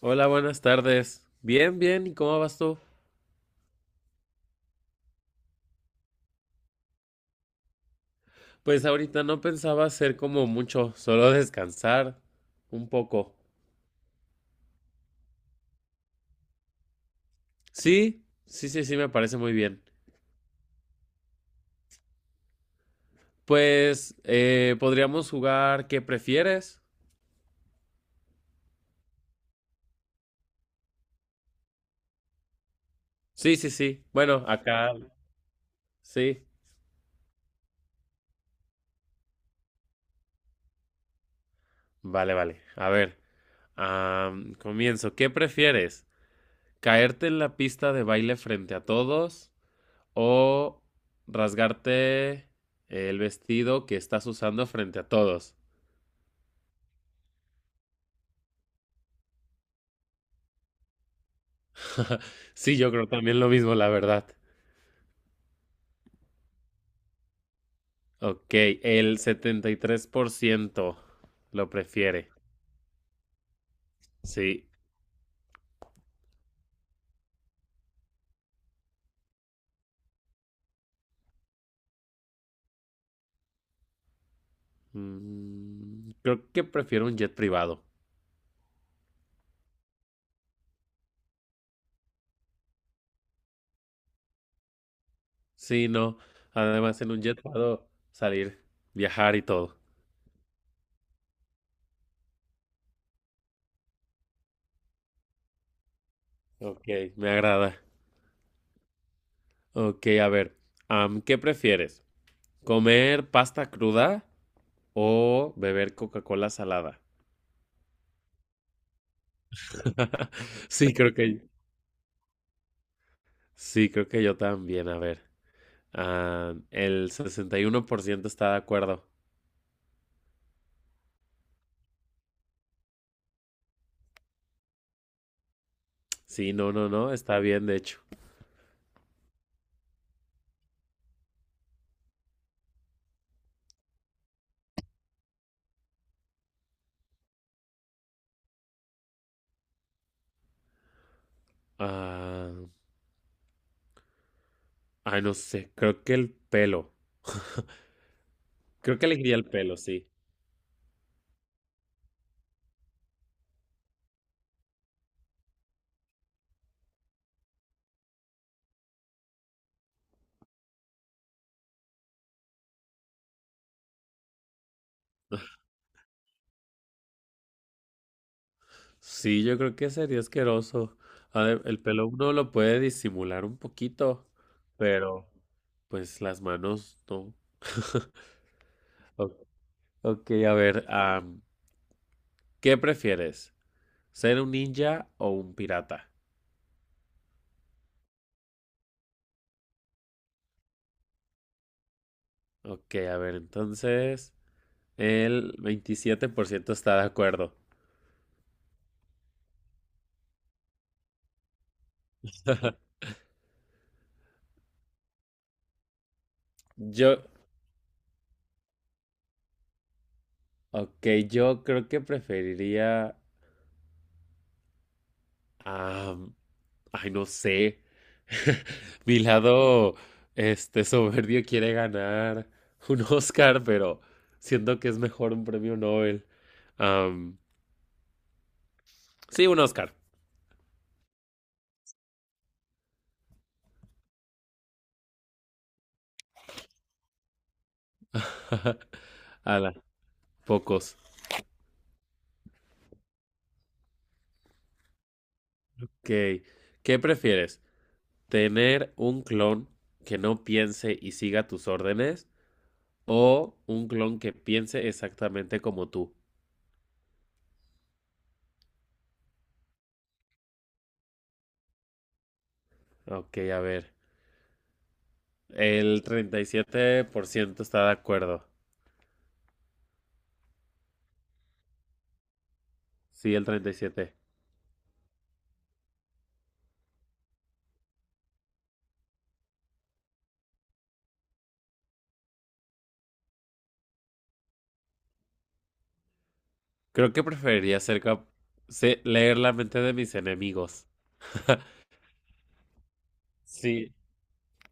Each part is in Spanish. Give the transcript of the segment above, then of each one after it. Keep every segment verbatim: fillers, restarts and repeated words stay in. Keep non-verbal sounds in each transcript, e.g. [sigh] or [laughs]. Hola, buenas tardes. Bien, bien, ¿y cómo vas tú? Pues ahorita no pensaba hacer como mucho, solo descansar un poco. Sí, sí, sí, sí, me parece muy bien. Pues eh, podríamos jugar, ¿qué prefieres? Sí, sí, sí. Bueno, acá sí. Vale, vale. A ver, am, comienzo. ¿Qué prefieres? ¿Caerte en la pista de baile frente a todos o rasgarte el vestido que estás usando frente a todos? [laughs] Sí, yo creo también lo mismo, la verdad. Ok, el setenta y tres por ciento lo prefiere. Sí. Mm, creo que prefiero un jet privado. Sí, no. Además, en un jet puedo salir, viajar y todo. Ok, me agrada. Ok, a ver. am, ¿qué prefieres? ¿Comer pasta cruda o beber Coca-Cola salada? [laughs] Sí, creo que sí, creo que yo también. A ver. Ah, el sesenta y uno por ciento está de acuerdo. Sí, no, no, no, está bien, de hecho. Ah, ay, no sé, creo que el pelo. Creo que elegiría el pelo, sí. Sí, yo creo que sería asqueroso. A ver, el pelo uno lo puede disimular un poquito, pero pues las manos no. [laughs] O- Ok, a ver, am, ¿qué prefieres? ¿Ser un ninja o un pirata? Ok, a ver, entonces el veintisiete por ciento está de acuerdo. Yo, ok, yo creo que preferiría, ah, ay, no sé, [laughs] mi lado, este, soberbio quiere ganar un Oscar, pero siento que es mejor un premio Nobel. Am, sí, un Oscar. [laughs] Ala, pocos. Ok, ¿qué prefieres? ¿Tener un clon que no piense y siga tus órdenes o un clon que piense exactamente como tú? Ok, a ver. El treinta y siete por ciento está de acuerdo. Sí, el treinta y siete. Creo que preferiría ser cap- se- leer la mente de mis enemigos. [laughs] Sí,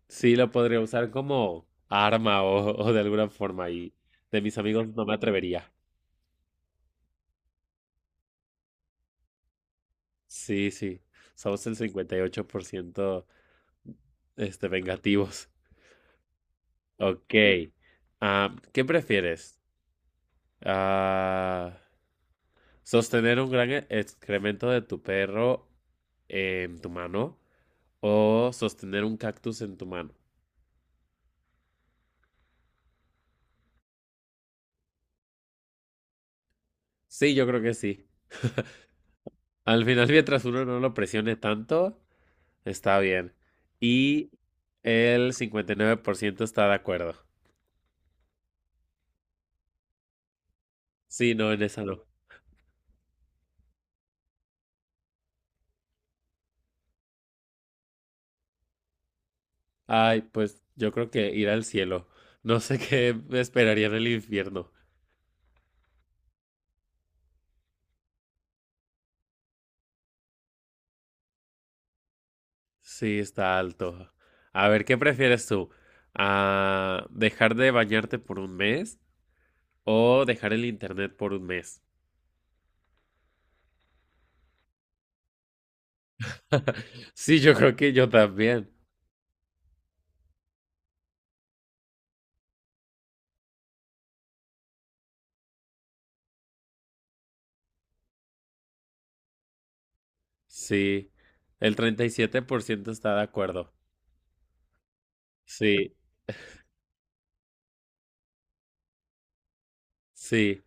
sí, lo podría usar como arma o, o de alguna forma y de mis amigos no me atrevería. Sí, sí, somos el cincuenta y ocho por ciento este, vengativos. Ok, ah, ¿qué prefieres? Ah, ¿sostener un gran e- excremento de tu perro en tu mano o sostener un cactus en tu mano? Sí, yo creo que sí. Al final, [laughs] mientras uno no lo presione tanto, está bien. Y el cincuenta y nueve por ciento está de acuerdo. Sí, no, en esa no. Ay, pues yo creo que ir al cielo. No sé [laughs] qué me esperaría en el infierno. Sí, está alto. A ver, ¿qué prefieres tú? ¿A dejar de bañarte por un mes o dejar el internet por un mes? Sí, yo creo que yo también. Sí, el treinta y siete por ciento está de acuerdo. Sí, sí.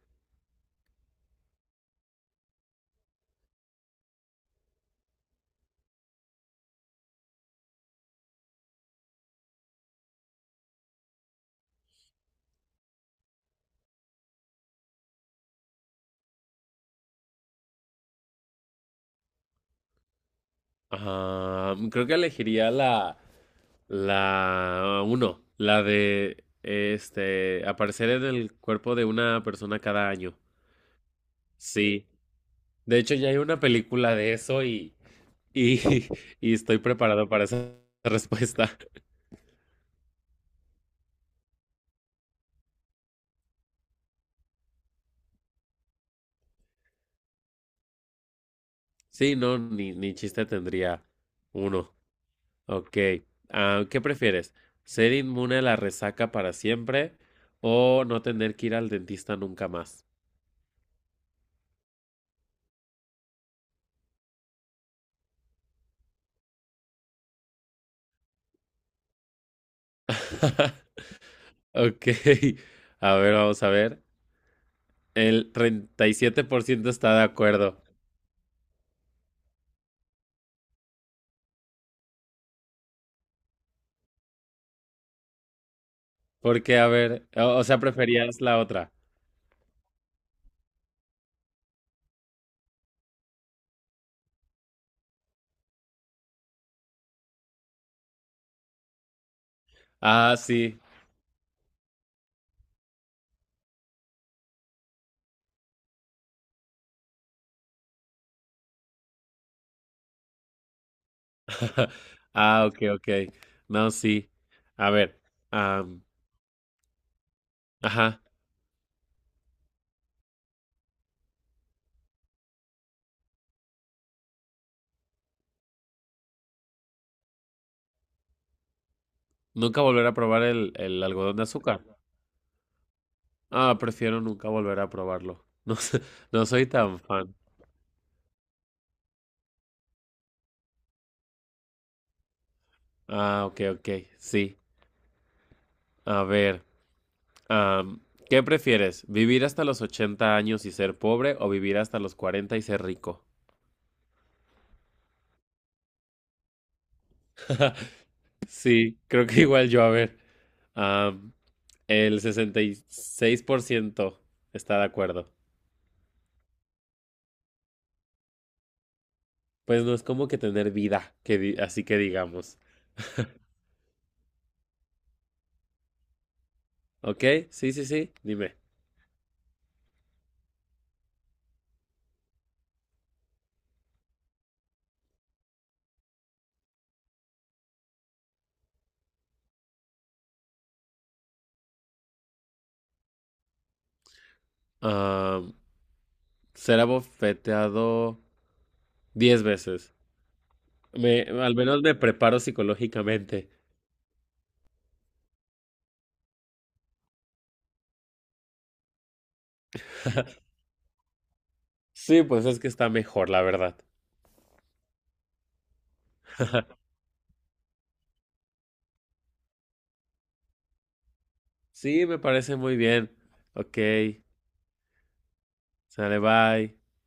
Ah, creo que elegiría la, la uno, la de este aparecer en el cuerpo de una persona cada año. Sí. De hecho, ya hay una película de eso y, y, [laughs] y estoy preparado para esa [laughs] respuesta. Sí, no, ni, ni chiste tendría uno. Ok. ah, ¿qué prefieres? ¿Ser inmune a la resaca para siempre o no tener que ir al dentista nunca más? [laughs] Ok. A ver, vamos a ver. El treinta y siete por ciento está de acuerdo. Porque, a ver, o, o sea, preferías la otra. Ah, sí. [laughs] Ah, ok, ok. No, sí. A ver. am, ajá. Nunca volver a probar el, el algodón de azúcar. Ah, prefiero nunca volver a probarlo. [laughs] No, sé- no soy tan fan. Ah, ok, ok, sí. A ver, am, ¿qué prefieres? ¿Vivir hasta los ochenta años y ser pobre o vivir hasta los cuarenta y ser rico? [laughs] Sí, creo que igual yo, a ver. am, el sesenta y seis por ciento está de acuerdo. Pues no es como que tener vida, que di- así que digamos. Ok, sí, sí, sí, dime. Am, ser abofeteado diez veces. Me, al menos me preparo psicológicamente. Sí, pues es que está mejor, la verdad. Sí, me parece muy bien. Ok, sale, bye.